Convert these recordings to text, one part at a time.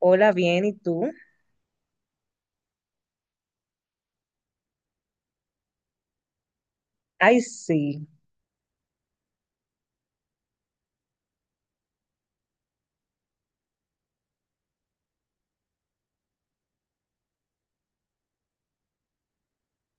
Hola, bien, ¿y tú? Ay, sí.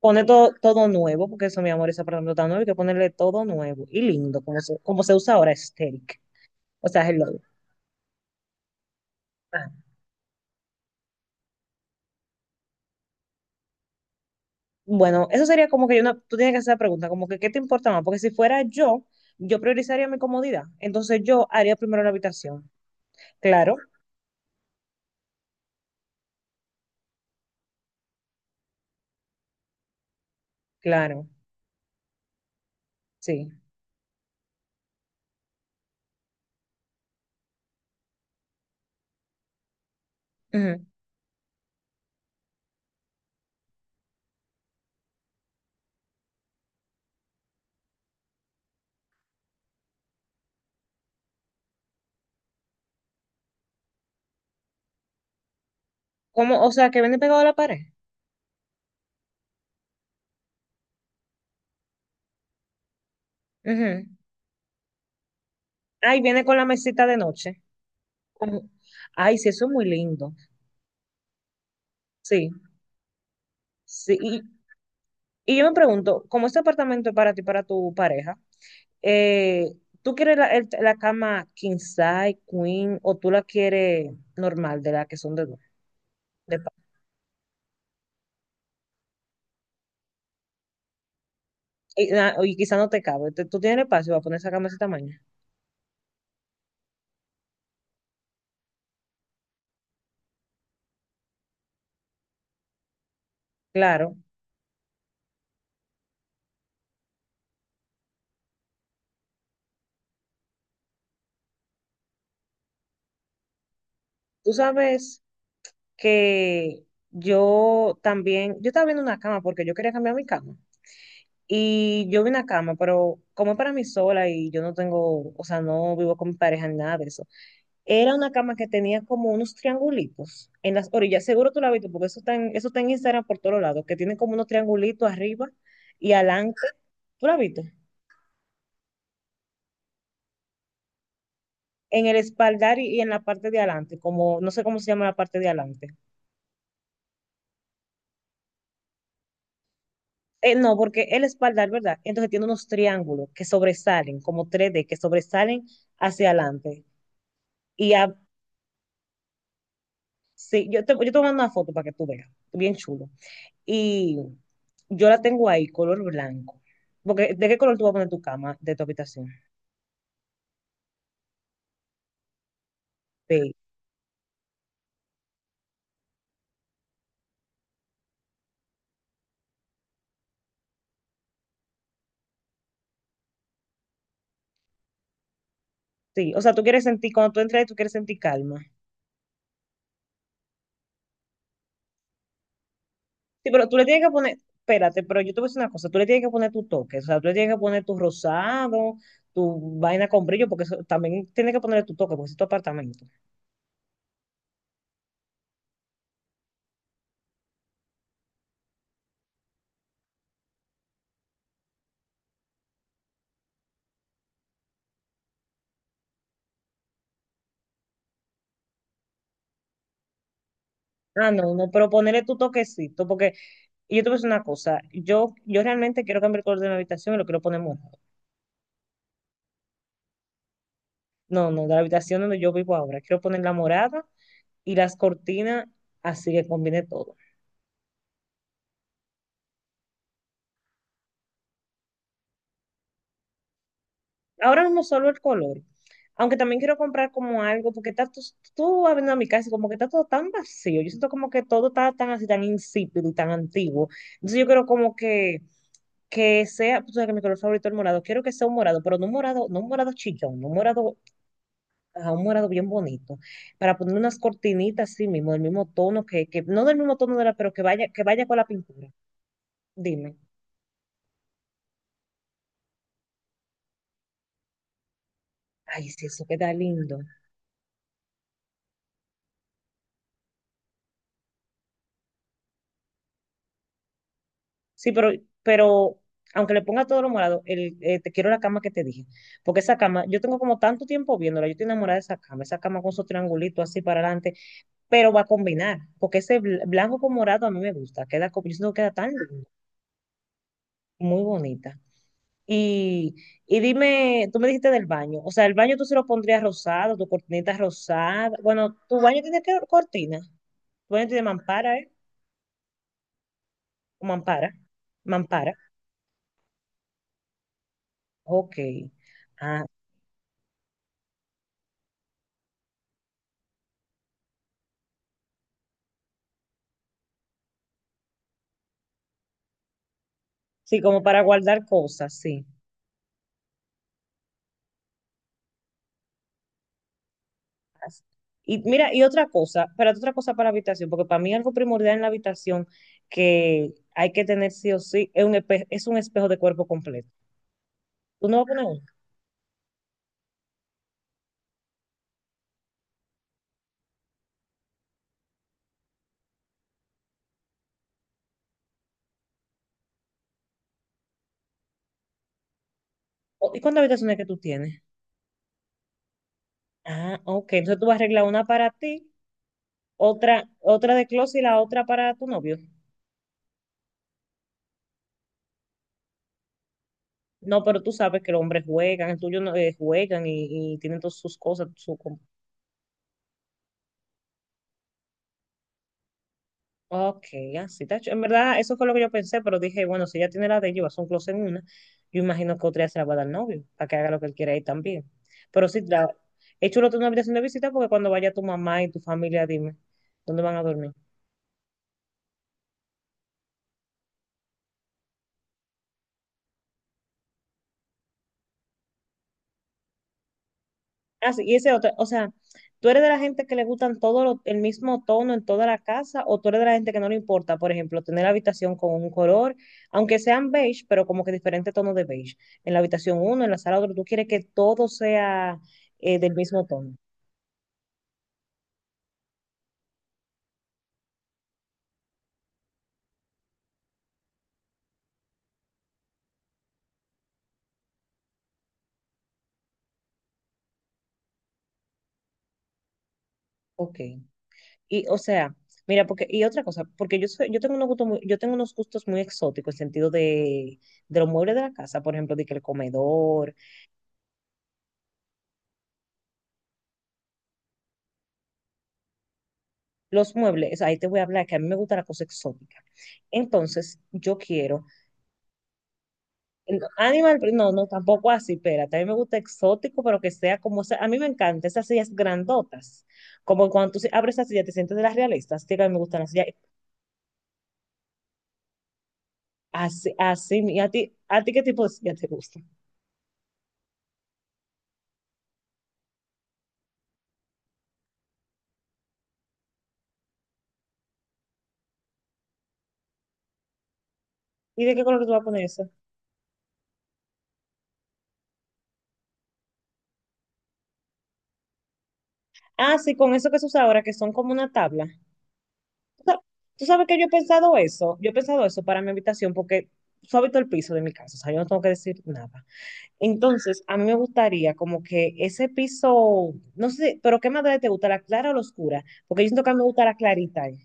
Pone todo nuevo, porque eso, mi amor, esa palabra tan nuevo, hay que ponerle todo nuevo y lindo, como se usa ahora, aesthetic. O sea, hello. Ah. Bueno, eso sería como que yo no, tú tienes que hacer la pregunta, como que, ¿qué te importa más? Porque si fuera yo, yo priorizaría mi comodidad. Entonces yo haría primero la habitación. Claro, claro, sí. Ujú. Como, o sea, que viene pegado a la pared. Ujú. Ay, viene con la mesita de noche. Como- Ay, sí, eso es muy lindo. Sí, sí. Y, y yo me pregunto, como este apartamento es para ti y para tu pareja, eh, ¿tú quieres la cama king size, queen, o tú la quieres normal, de la que son de dos? de pa- y, y quizá no te cabe, ¿tú tienes el espacio para poner esa cama de ese tamaño? Claro. Tú sabes que yo también, yo estaba viendo una cama porque yo quería cambiar mi cama. Y yo vi una cama, pero como es para mí sola y yo no tengo, o sea, no vivo con mi pareja ni nada de eso. Era una cama que tenía como unos triangulitos en las orillas. Seguro tú la has visto, porque eso está en Instagram por todos lados, que tiene como unos triangulitos arriba y adelante. ¿Tú la has visto? En el espaldar y en la parte de adelante, como no sé cómo se llama la parte de adelante. No, porque el espaldar, ¿verdad? Entonces tiene unos triángulos que sobresalen, como 3D, que sobresalen hacia adelante. Y a- sí, yo te voy una foto para que tú veas. Bien chulo. Y yo la tengo ahí, color blanco. Porque ¿de qué color tú vas a poner tu cama de tu habitación? Sí, sí. O sea, tú quieres sentir, cuando tú entras ahí, tú quieres sentir calma. Sí, pero tú le tienes que poner, espérate, pero yo te voy a decir una cosa, tú le tienes que poner tu toque, o sea, tú le tienes que poner tu rosado, tu vaina con brillo, porque eso también tienes que ponerle tu toque, porque es tu apartamento. Ah, no, no, pero ponerle tu toquecito, porque y yo te voy a decir una cosa, yo realmente quiero cambiar el color de mi habitación y lo quiero poner morado. No, no, de la habitación donde yo vivo ahora, quiero poner la morada y las cortinas, así que combine todo. Ahora mismo solo el color, aunque también quiero comprar como algo, porque está tú, tú abriendo a mi casa y como que está todo tan vacío, yo siento como que todo está tan así, tan insípido y tan antiguo. Entonces yo quiero como que sea, tú sabes que mi color favorito es el morado, quiero que sea un morado, pero no un morado, no un morado chillón, no un morado, ah, un morado bien bonito, para poner unas cortinitas así mismo, del mismo tono, que no del mismo tono de la, pero que vaya con la pintura. Dime. Ay, si eso queda lindo. Sí, pero aunque le ponga todo lo morado, el, te quiero la cama que te dije. Porque esa cama, yo tengo como tanto tiempo viéndola, yo estoy enamorada de esa cama con su triangulito así para adelante, pero va a combinar, porque ese blanco con morado a mí me gusta, queda, yo siento que queda tan lindo, muy bonita. Y, y dime, tú me dijiste del baño, o sea, el baño tú se lo pondrías rosado, tu cortinita rosada. Bueno, tu baño tiene que cortina, tu baño tiene mampara, ¿eh? O mampara, mampara, ok. Ah, sí, como para guardar cosas, sí. Así. Y mira, y otra cosa, espérate, otra cosa para habitación, porque para mí algo primordial en la habitación que hay que tener sí o sí es un, es un espejo de cuerpo completo. Tú no vas a poner uno. ¿Y cuántas habitaciones que tú tienes? Ah, ok. Entonces tú vas a arreglar una para ti, otra de closet y la otra para tu novio. No, pero tú sabes que los hombres juegan, el tuyo no, juegan y tienen todas sus cosas, sus Ok, así está. En verdad, eso fue lo que yo pensé, pero dije, bueno, si ella tiene la de ella y va a hacer un closet en una, yo imagino que otra ya se la va a dar al novio, para que haga lo que él quiera ahí también. Pero sí, la, es chulo tener una habitación de visita porque cuando vaya tu mamá y tu familia, dime, ¿dónde van a dormir? Así, y ese otro, o sea, ¿tú eres de la gente que le gustan todo el mismo tono en toda la casa o tú eres de la gente que no le importa, por ejemplo, tener la habitación con un color, aunque sean beige, pero como que diferente tono de beige? En la habitación uno, en la sala otro, tú quieres que todo sea del mismo tono. Ok. Y, o sea, mira, porque, y otra cosa, porque yo, yo tengo unos gustos muy, yo tengo unos gustos muy exóticos en sentido de los muebles de la casa, por ejemplo, de que el comedor, los muebles, ahí te voy a hablar que a mí me gusta la cosa exótica. Entonces, yo quiero animal, print, no, no, tampoco así, espérate, a mí me gusta exótico, pero que sea como, a mí me encantan esas sillas grandotas, como cuando tú abres esa silla, te sientes de las realistas, Tío, que a mí me gustan las sillas así, así, y ¿a ti qué tipo de silla te gusta? ¿Y de qué color tú vas a poner eso? Ah, sí, con eso que se usa ahora, que son como una tabla. ¿Tú sa- ¿Tú sabes que yo he pensado eso? Yo he pensado eso para mi habitación porque suavito el piso de mi casa, o sea, yo no tengo que decir nada. Entonces, a mí me gustaría como que ese piso, no sé, pero ¿qué madre te gusta, la clara o la oscura? Porque yo siento que a mí me gusta la clarita, eh.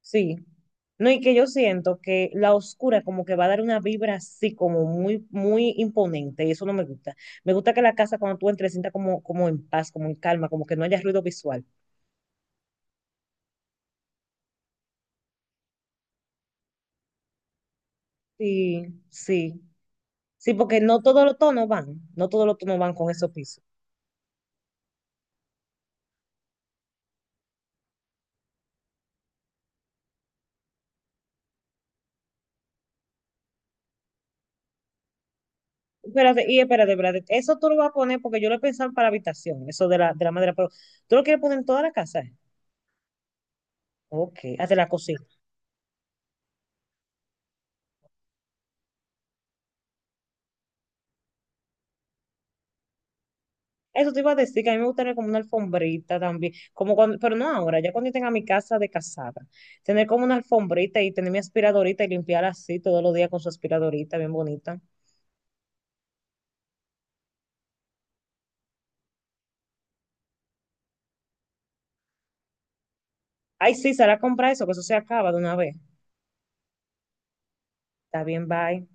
Sí. No, y que yo siento que la oscura como que va a dar una vibra así como muy imponente y eso no me gusta. Me gusta que la casa cuando tú entres sienta como, como en paz, como en calma, como que no haya ruido visual. Sí, sí, sí, porque no todos los tonos van, no todos los tonos van con esos pisos. Espérate, y espérate. Eso tú lo vas a poner porque yo lo he pensado para habitación, eso de la madera, pero tú lo quieres poner en toda la casa, ¿eh? Ok, hasta la cocina. Eso te iba a decir que a mí me gustaría como una alfombrita también, como cuando, pero no ahora, ya cuando yo tenga mi casa de casada, tener como una alfombrita y tener mi aspiradorita y limpiar así todos los días con su aspiradorita bien bonita. Ay, sí, será comprar eso, que eso se acaba de una vez. Está bien, bye.